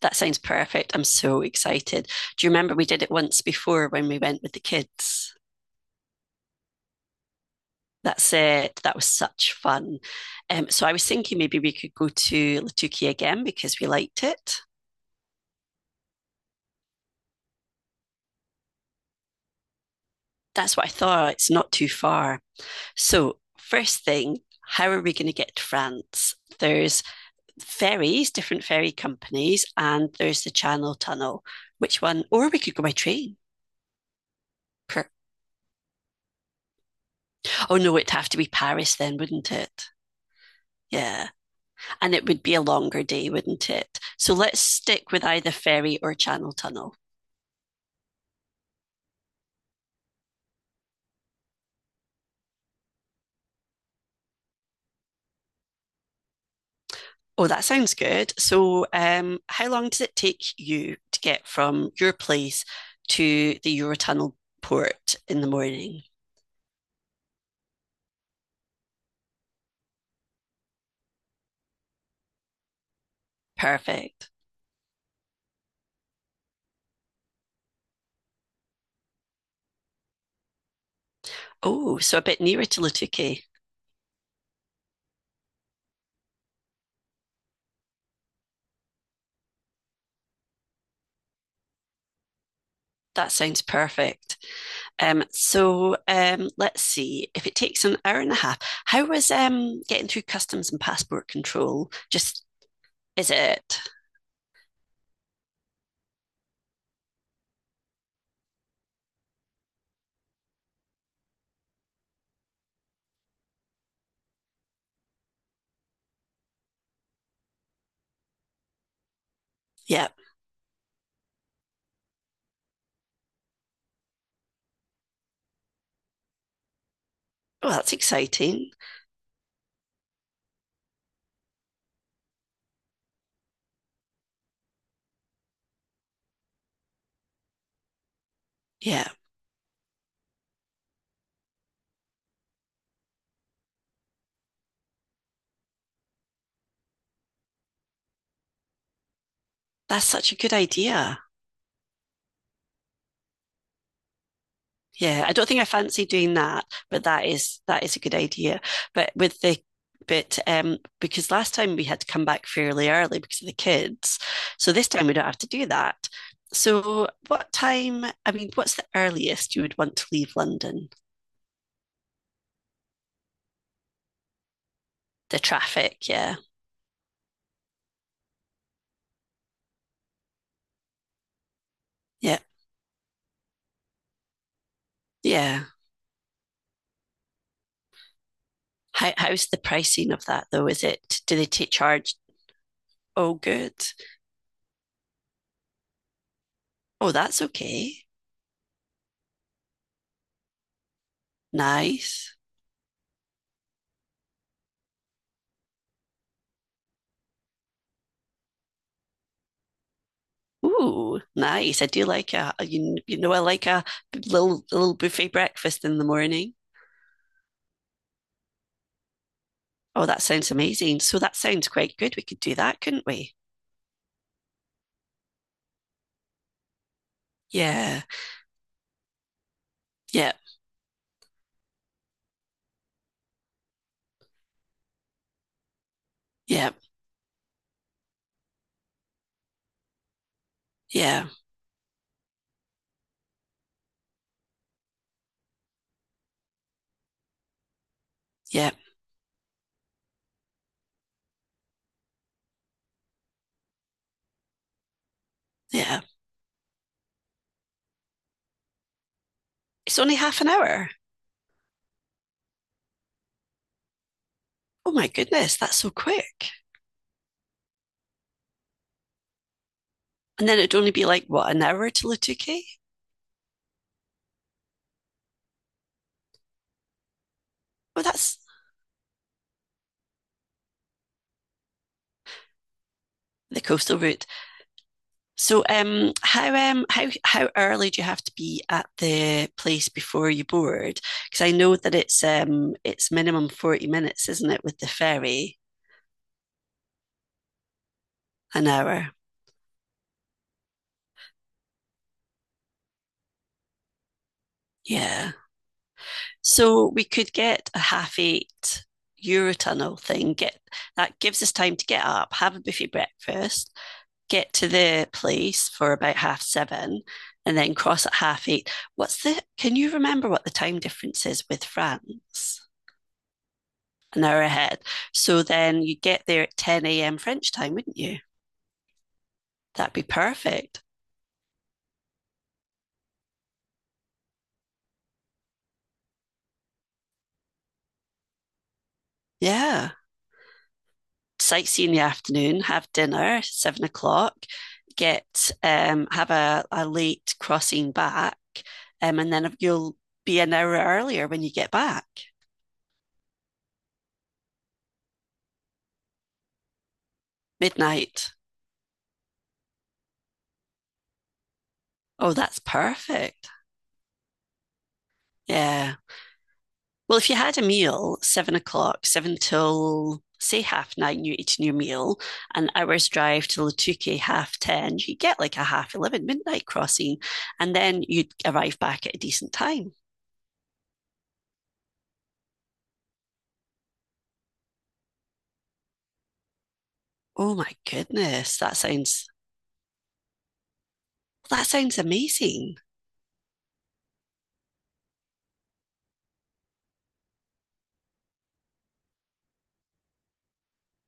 That sounds perfect. I'm so excited. Do you remember we did it once before when we went with the kids? That's it. That was such fun. So I was thinking maybe we could go to Latuki again because we liked it. That's what I thought. It's not too far. So, first thing, how are we going to get to France? There's ferries, different ferry companies, and there's the Channel Tunnel. Which one? Or we could go by train. Oh, no, it'd have to be Paris then, wouldn't it? Yeah. And it would be a longer day, wouldn't it? So let's stick with either ferry or Channel Tunnel. Oh, that sounds good. So, how long does it take you to get from your place to the Eurotunnel port in the morning? Perfect. Oh, so a bit nearer to Lutuke. That sounds perfect. So, let's see. If it takes an hour and a half, how was getting through customs and passport control? Just is it? Yeah. Well, that's exciting. Yeah. That's such a good idea. Yeah, I don't think I fancy doing that, but that is a good idea. But with the bit, because last time we had to come back fairly early because of the kids. So this time we don't have to do that. So what time, I mean, what's the earliest you would want to leave London? The traffic, yeah. Yeah. Yeah. How, how's the pricing of that though? Is it do they take charge? Oh, good. Oh, that's okay. Nice. Ooh, nice. I do like you, you know I like a little buffet breakfast in the morning. Oh, that sounds amazing. So that sounds quite good. We could do that, couldn't we? Yeah. Yeah. Yeah. Yeah. Yeah. Yeah. It's only half an hour. Oh my goodness, that's so quick. And then it'd only be like what, an hour to Lutuke? Well, that's the coastal route. So, how how early do you have to be at the place before you board? Because I know that it's minimum 40 minutes, isn't it, with the ferry, an hour. Yeah. So we could get a half eight Eurotunnel thing. Get that gives us time to get up, have a buffet breakfast, get to the place for about half seven, and then cross at half eight. What's the? Can you remember what the time difference is with France? An hour ahead. So then you get there at 10 a.m. French time, wouldn't you? That'd be perfect. Yeah. Sightsee in the afternoon, have dinner, 7 o'clock, get have a late crossing back, and then you'll be an hour earlier when you get back. Midnight. Oh, that's perfect. Yeah. Well, if you had a meal, 7 o'clock, seven till say half nine, you eating your meal, an hour's drive till Lutuke, half ten, you get like a half 11 midnight crossing, and then you'd arrive back at a decent time. Oh my goodness, that sounds amazing.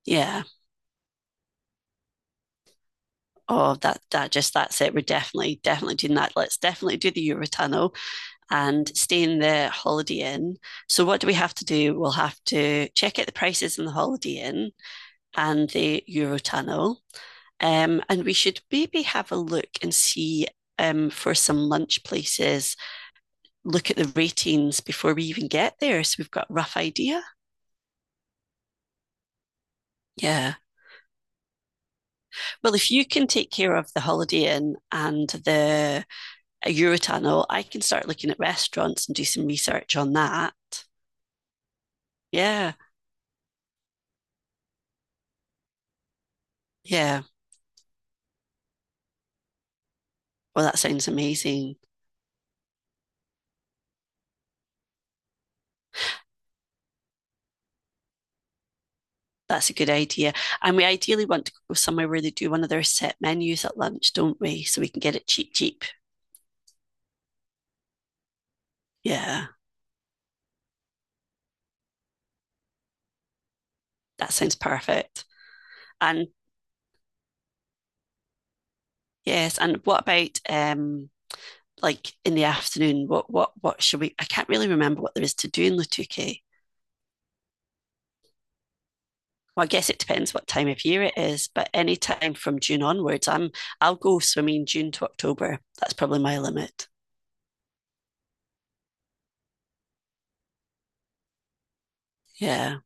Yeah. Oh, that's it. We're definitely doing that. Let's definitely do the Eurotunnel and stay in the Holiday Inn. So what do we have to do? We'll have to check out the prices in the Holiday Inn and the Eurotunnel. And we should maybe have a look and see for some lunch places, look at the ratings before we even get there. So we've got a rough idea. Yeah. Well, if you can take care of the Holiday Inn and the Eurotunnel, I can start looking at restaurants and do some research on that. Yeah. Yeah. Well, that sounds amazing. That's a good idea. And we ideally want to go somewhere where they do one of their set menus at lunch, don't we? So we can get it cheap, cheap. Yeah. That sounds perfect. And yes, and what about like in the afternoon? What should we? I can't really remember what there is to do in Lutuke. Well, I guess it depends what time of year it is, but any time from June onwards, I'll go swimming June to October. That's probably my limit. Yeah,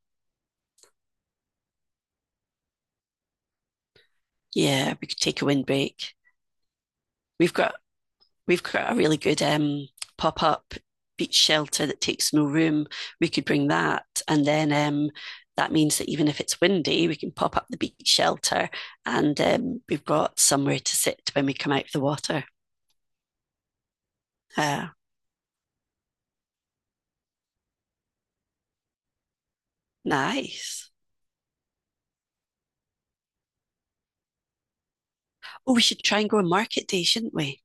yeah, we could take a windbreak. We've got We've got a really good pop up beach shelter that takes no room. We could bring that. And then that means that even if it's windy, we can pop up the beach shelter and we've got somewhere to sit when we come out of the water. Uh, nice. Oh, we should try and go on market day, shouldn't we?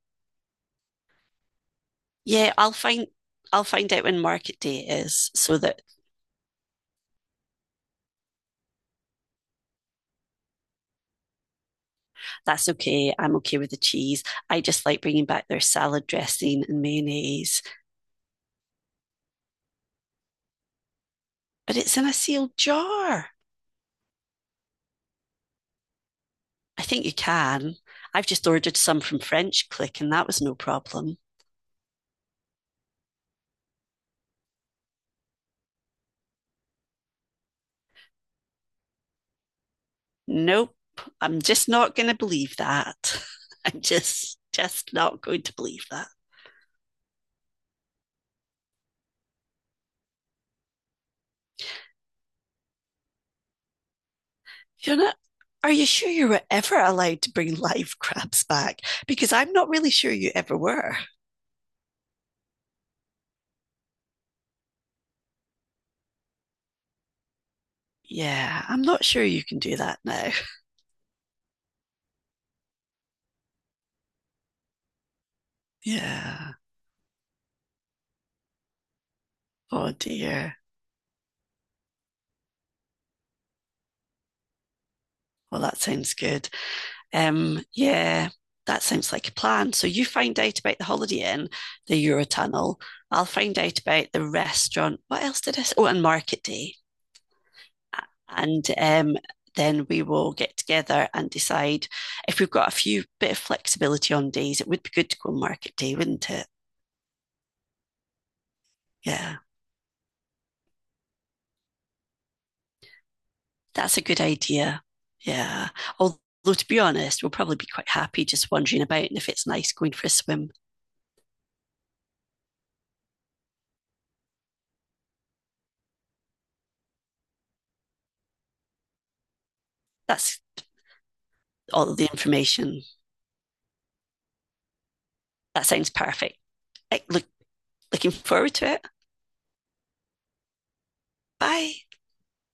Yeah, I'll find out when market day is so that that's okay. I'm okay with the cheese. I just like bringing back their salad dressing and mayonnaise, but it's in a sealed jar. I think you can. I've just ordered some from French Click and that was no problem. Nope. I'm just not going to believe that. I'm just not going to believe that. You're not are you sure you were ever allowed to bring live crabs back? Because I'm not really sure you ever were. Yeah, I'm not sure you can do that now. Yeah. Oh dear. Well, that sounds good. Yeah, that sounds like a plan. So you find out about the Holiday Inn, the Eurotunnel. I'll find out about the restaurant. What else did I say? Oh, and Market Day. And then we will get together and decide if we've got a few bit of flexibility on days. It would be good to go on Market Day, wouldn't it? Yeah, that's a good idea. Yeah. Although to be honest, we'll probably be quite happy just wandering about, and if it's nice, going for a swim. That's all the information. That sounds perfect. Eh, Looking forward to it. Bye.